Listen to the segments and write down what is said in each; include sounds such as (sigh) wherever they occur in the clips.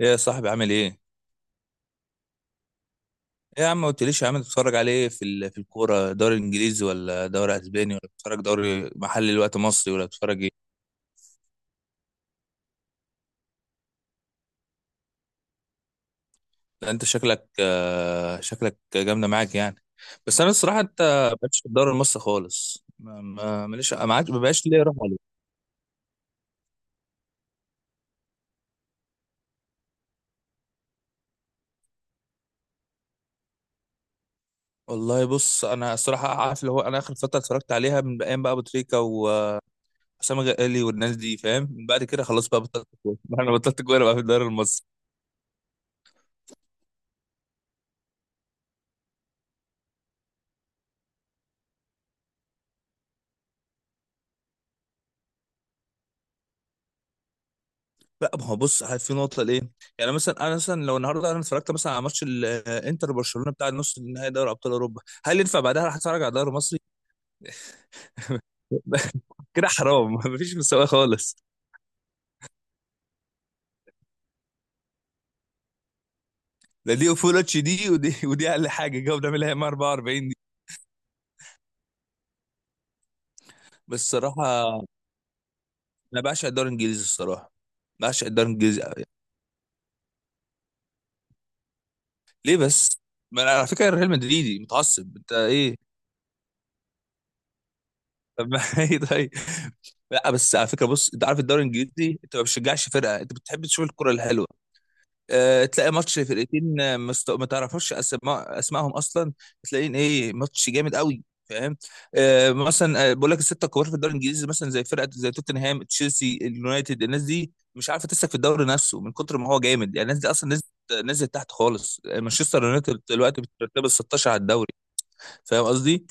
ايه يا صاحبي عامل ايه؟ ايه يا عم ما قلتليش يا عم بتتفرج على ايه في الكوره، دوري انجليزي ولا دوري اسباني ولا بتتفرج دوري محلي الوقت مصري ولا بتتفرج ايه؟ لا انت شكلك شكلك جامده معاك يعني. بس انا الصراحه انت ما بقتش في الدوري المصري خالص، ما- ما- ماليش ما عادش- ما بقاش ليه روح عليه. والله بص انا الصراحه عارف اللي هو انا اخر فتره اتفرجت عليها من ايام بقى ابو تريكه وحسام غالي والناس دي، فاهم، من بعد كده خلاص بقى بطلت كوره (laughs) انا بطلت كوره بقى في الدوري المصري. لا ما هو بص، في نقطه ليه. يعني مثلا انا مثلا لو النهارده انا اتفرجت مثلا على ماتش الانتر برشلونه بتاع النص النهائي دوري ابطال اوروبا، هل ينفع بعدها هتفرج على دوري مصري؟ (laughs) كده حرام (laughs) مفيش مساواه خالص. ده دي فول اتش دي ودي، ودي اقل حاجه جاوب بنعملها هي 44 دي. بس الصراحه انا بعشق الدوري الانجليزي، الصراحه بعشق الدوري الانجليزي أوي. ليه بس؟ ما أنا على فكره ريال مدريدي متعصب، انت ايه؟ طب ما (laughs) ايه طيب. لا بس على فكره بص، انت عارف الدوري الانجليزي انت ما بتشجعش فرقه، انت بتحب تشوف الكره الحلوه. تلاقي ماتش فرقتين، ما تعرفش اسمائهم اصلا. تلاقين ايه ماتش جامد قوي، فاهم؟ آه مثلا آه، بقول لك، السته الكبار في الدوري الانجليزي مثلا زي فرقه زي توتنهام، تشيلسي، اليونايتد، الناس دي مش عارفه تسلك في الدوري نفسه من كتر ما هو جامد. يعني الناس دي اصلا نزلت تحت خالص. مانشستر يونايتد دلوقتي بترتب ال 16 على الدوري. فاهم قصدي؟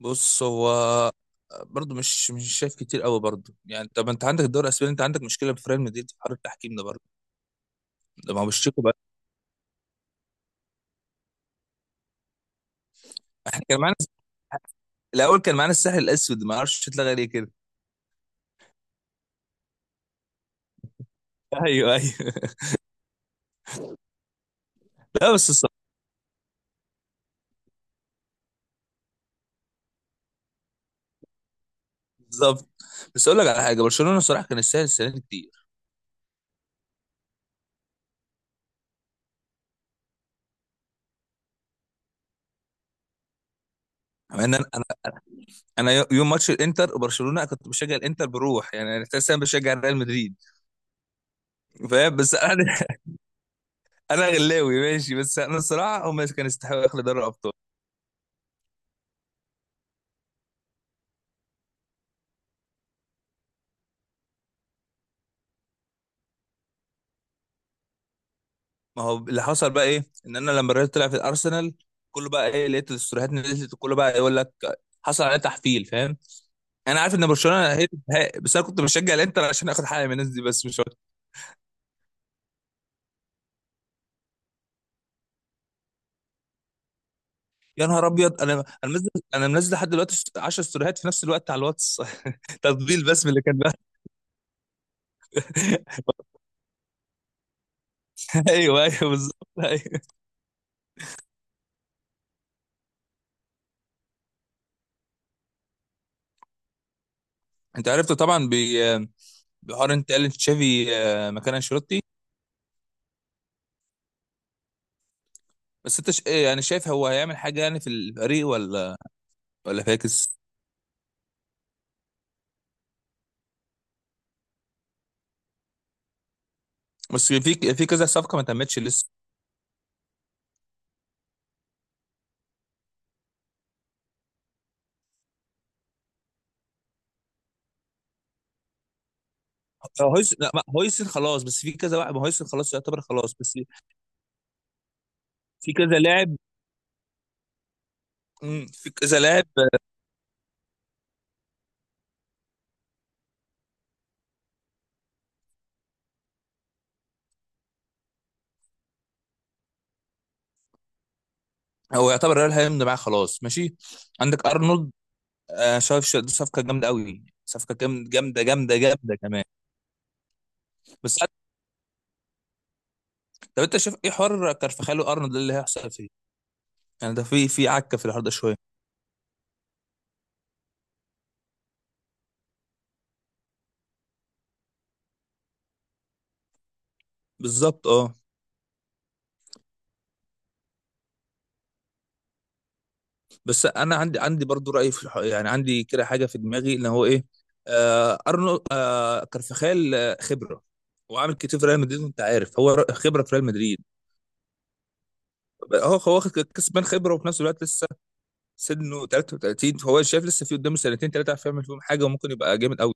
بص هو برضه مش شايف كتير قوي برضه. يعني طب انت عندك الدوري الاسباني، انت عندك مشكله في ريال مدريد في حوار التحكيم ده برضه؟ ده ما هو بالشكل بقى. (laughs) احنا كان معانا الاول كان معانا الساحل الاسود، ما اعرفش اتلغى ليه كده. ايوه ايوه (laughs) لا بس الصراحة- بالظبط. بس اقول لك على حاجه، برشلونه صراحه كان يستاهل السنه دي كتير. مع ان انا انا أنا يوم ماتش الانتر وبرشلونه كنت بشجع الانتر، بروح يعني انا اساسا بشجع ريال مدريد، فاهم؟ بس انا (laughs) انا غلاوي ماشي، بس انا الصراحه هم كانوا يستحقوا ياخدوا دوري الابطال. ما هو اللي حصل بقى ايه، ان انا لما الريال طلع في الارسنال كله بقى ايه، لقيت الاستوريات نزلت كله بقى يقول لك حصل عليه تحفيل، فاهم؟ انا عارف ان برشلونه هي، بس انا كنت بشجع الانتر عشان اخد حاجه من الناس دي، بس مش. يا نهار ابيض! انا منزل، لحد دلوقتي 10 ستوريهات في نفس الوقت على الواتس (laughs) تطبيل بس من اللي كان بقى. (laughs) ايوه ايوه بالظبط ايوه. انت عرفت طبعا بحوار انت، قال تشافي مكان انشيلوتي. بس انت إيه يعني، شايف هو هيعمل حاجه يعني في الفريق ولا ولا فاكس؟ بس في في كذا صفقه ما تمتش لسه. هو هويس لا، هويسن خلاص، بس في كذا واحد. ما هويسن خلاص يعتبر خلاص، بس في كذا لاعب في كذا لاعب. هو يعتبر ريال هيمضي معاه خلاص ماشي. عندك ارنولد، دي صفقه جامده قوي، صفقه جامده جامده جامده جامده كمان. بس عارف- طب انت شايف ايه حوار كارفخال وارنولد ده اللي هيحصل فيه؟ يعني ده في عكه في الحوار ده شويه. بالظبط اه. بس انا عندي برضو راي في الحوار، يعني عندي كده حاجه في دماغي ان هو ايه. آه ارنولد، آه كارفخال، خبره وعامل كتير في ريال مدريد، انت عارف هو، خبره في ريال مدريد. هو واخد كسبان خبره وفي نفس الوقت لسه سنه 33، فهو شايف لسه في قدامه سنتين ثلاثه عارف يعمل فيهم حاجه وممكن يبقى جامد.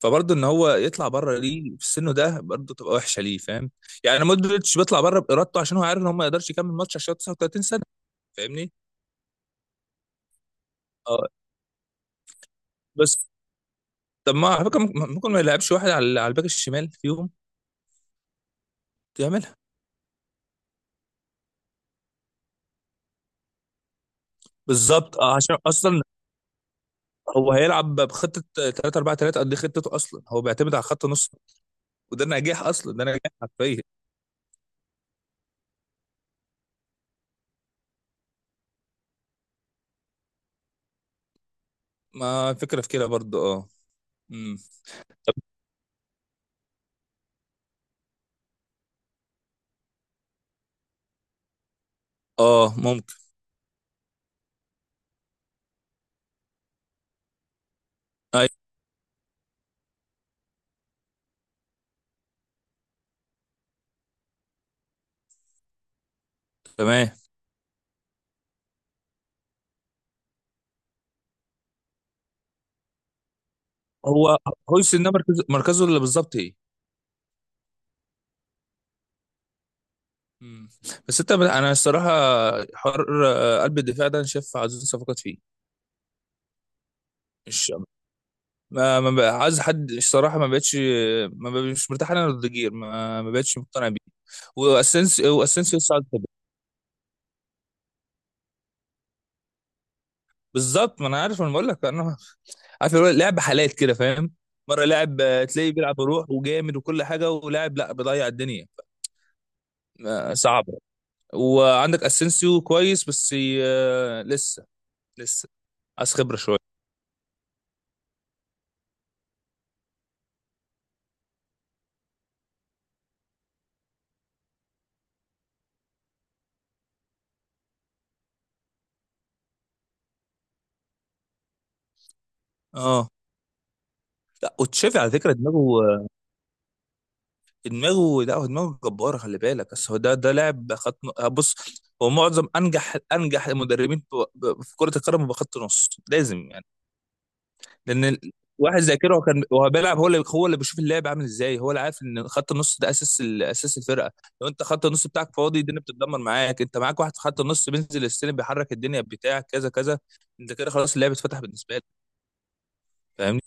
فبرضه ان هو يطلع بره ليه في سنه ده برضه تبقى وحشه ليه، فاهم؟ يعني مودريتش بيطلع بره بارادته عشان هو عارف ان هو ما يقدرش يكمل ماتش عشان هو 39 سنه، فاهمني؟ اه بس طب، ما على فكره، ممكن ما يلعبش واحد على الباك الشمال فيهم؟ يعملها. بالظبط اه، عشان اصلا هو هيلعب بخطه 3-4-3، قد إيه خطته اصلا هو بيعتمد على خط نص، وده نجاح، اصلا ده نجاح حرفيا. ما فكره في كده برضه اه. امم، طب اه، ممكن. ايوه تمام. هو هويسن ده مركزه، مركزه اللي بالظبط ايه؟ مم. بس انت، انا الصراحه، حر قلب الدفاع ده انا شايف عايزين صفقات فيه، مش ما بقى عايز حد. الصراحه ما بقتش، ما بقى مش مرتاح انا لروديجير، ما بقتش مقتنع بيه. واسنسيو صعد كده. بالظبط، ما انا عارف، انا بقول لك انا (laughs) عارف اللي هو، لعب حالات كده، فاهم؟ مره لاعب تلاقيه بيلعب بروح وجامد وكل حاجه، ولاعب لا بيضيع الدنيا. صعبه. وعندك اسينسيو كويس، بس لسه، لسه عايز خبره شويه. اه. لا وتشافي على فكره دماغه، دماغه، لا هو دماغه جباره، خلي بالك. بس هو ده ده لاعب خط بص، هو معظم انجح المدربين في كره القدم بخط نص لازم يعني. لان ال- واحد زي كده، هو كان هو بيلعب، هو اللي بيشوف اللعب عامل ازاي، هو اللي عارف ان خط النص ده اساس اساس الفرقه. لو انت خط النص بتاعك فاضي، الدنيا بتتدمر معاك. انت معاك واحد في خط النص بينزل السلم بيحرك الدنيا بتاعك كذا كذا، انت كده خلاص اللعب اتفتح بالنسبه لك.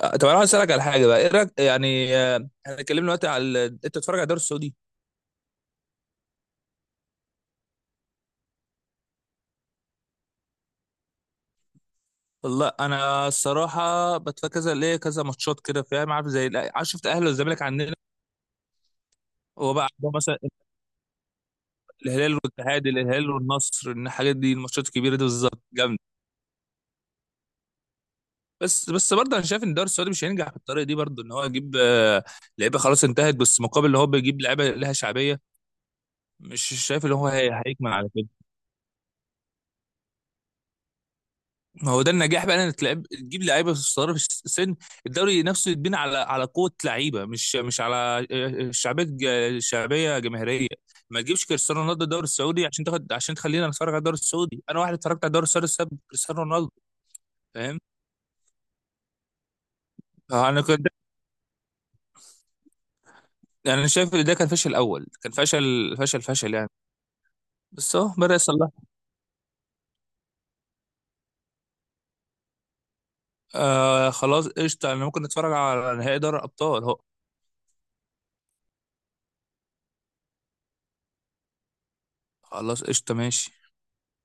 طب انا عايز اسالك على حاجه بقى، ايه رايك يعني احنا اتكلمنا دلوقتي على انت بتتفرج على الدوري السعودي؟ والله انا الصراحه بتفرج كذا ليه كذا ماتشات كده، فاهم؟ عارف زي، لا، عارف شفت الاهلي والزمالك عندنا، هو بقى عندهم مثلا الهلال والاتحاد، الهلال والنصر، إن الحاجات دي، الماتشات الكبيره دي بالظبط جامده. بس برضه انا شايف ان الدوري السعودي مش هينجح بالطريقه دي برضه، ان هو يجيب لعيبه خلاص انتهت، بس مقابل ان هو بيجيب لعيبه لها شعبيه، مش شايف ان هو هيكمل على كده. ما هو ده النجاح بقى، انك تلعب تجيب لعيبه صغيره في السن، الدوري نفسه يتبنى على قوه لعيبه، مش على شعبيه، شعبيه جماهيريه. ما تجيبش كريستيانو رونالدو الدوري السعودي عشان تاخد، عشان تخلينا نتفرج على الدوري السعودي. انا واحد اتفرجت على الدوري السعودي بسبب كريستيانو رونالدو، فاهم؟ انا كنت، انا شايف ان ده كان فشل اول، كان فشل فشل فشل يعني، بس اهو بدا يصلح. آه خلاص قشطه، انا ممكن نتفرج على نهائي دوري الابطال اهو. خلاص قشطه ماشي.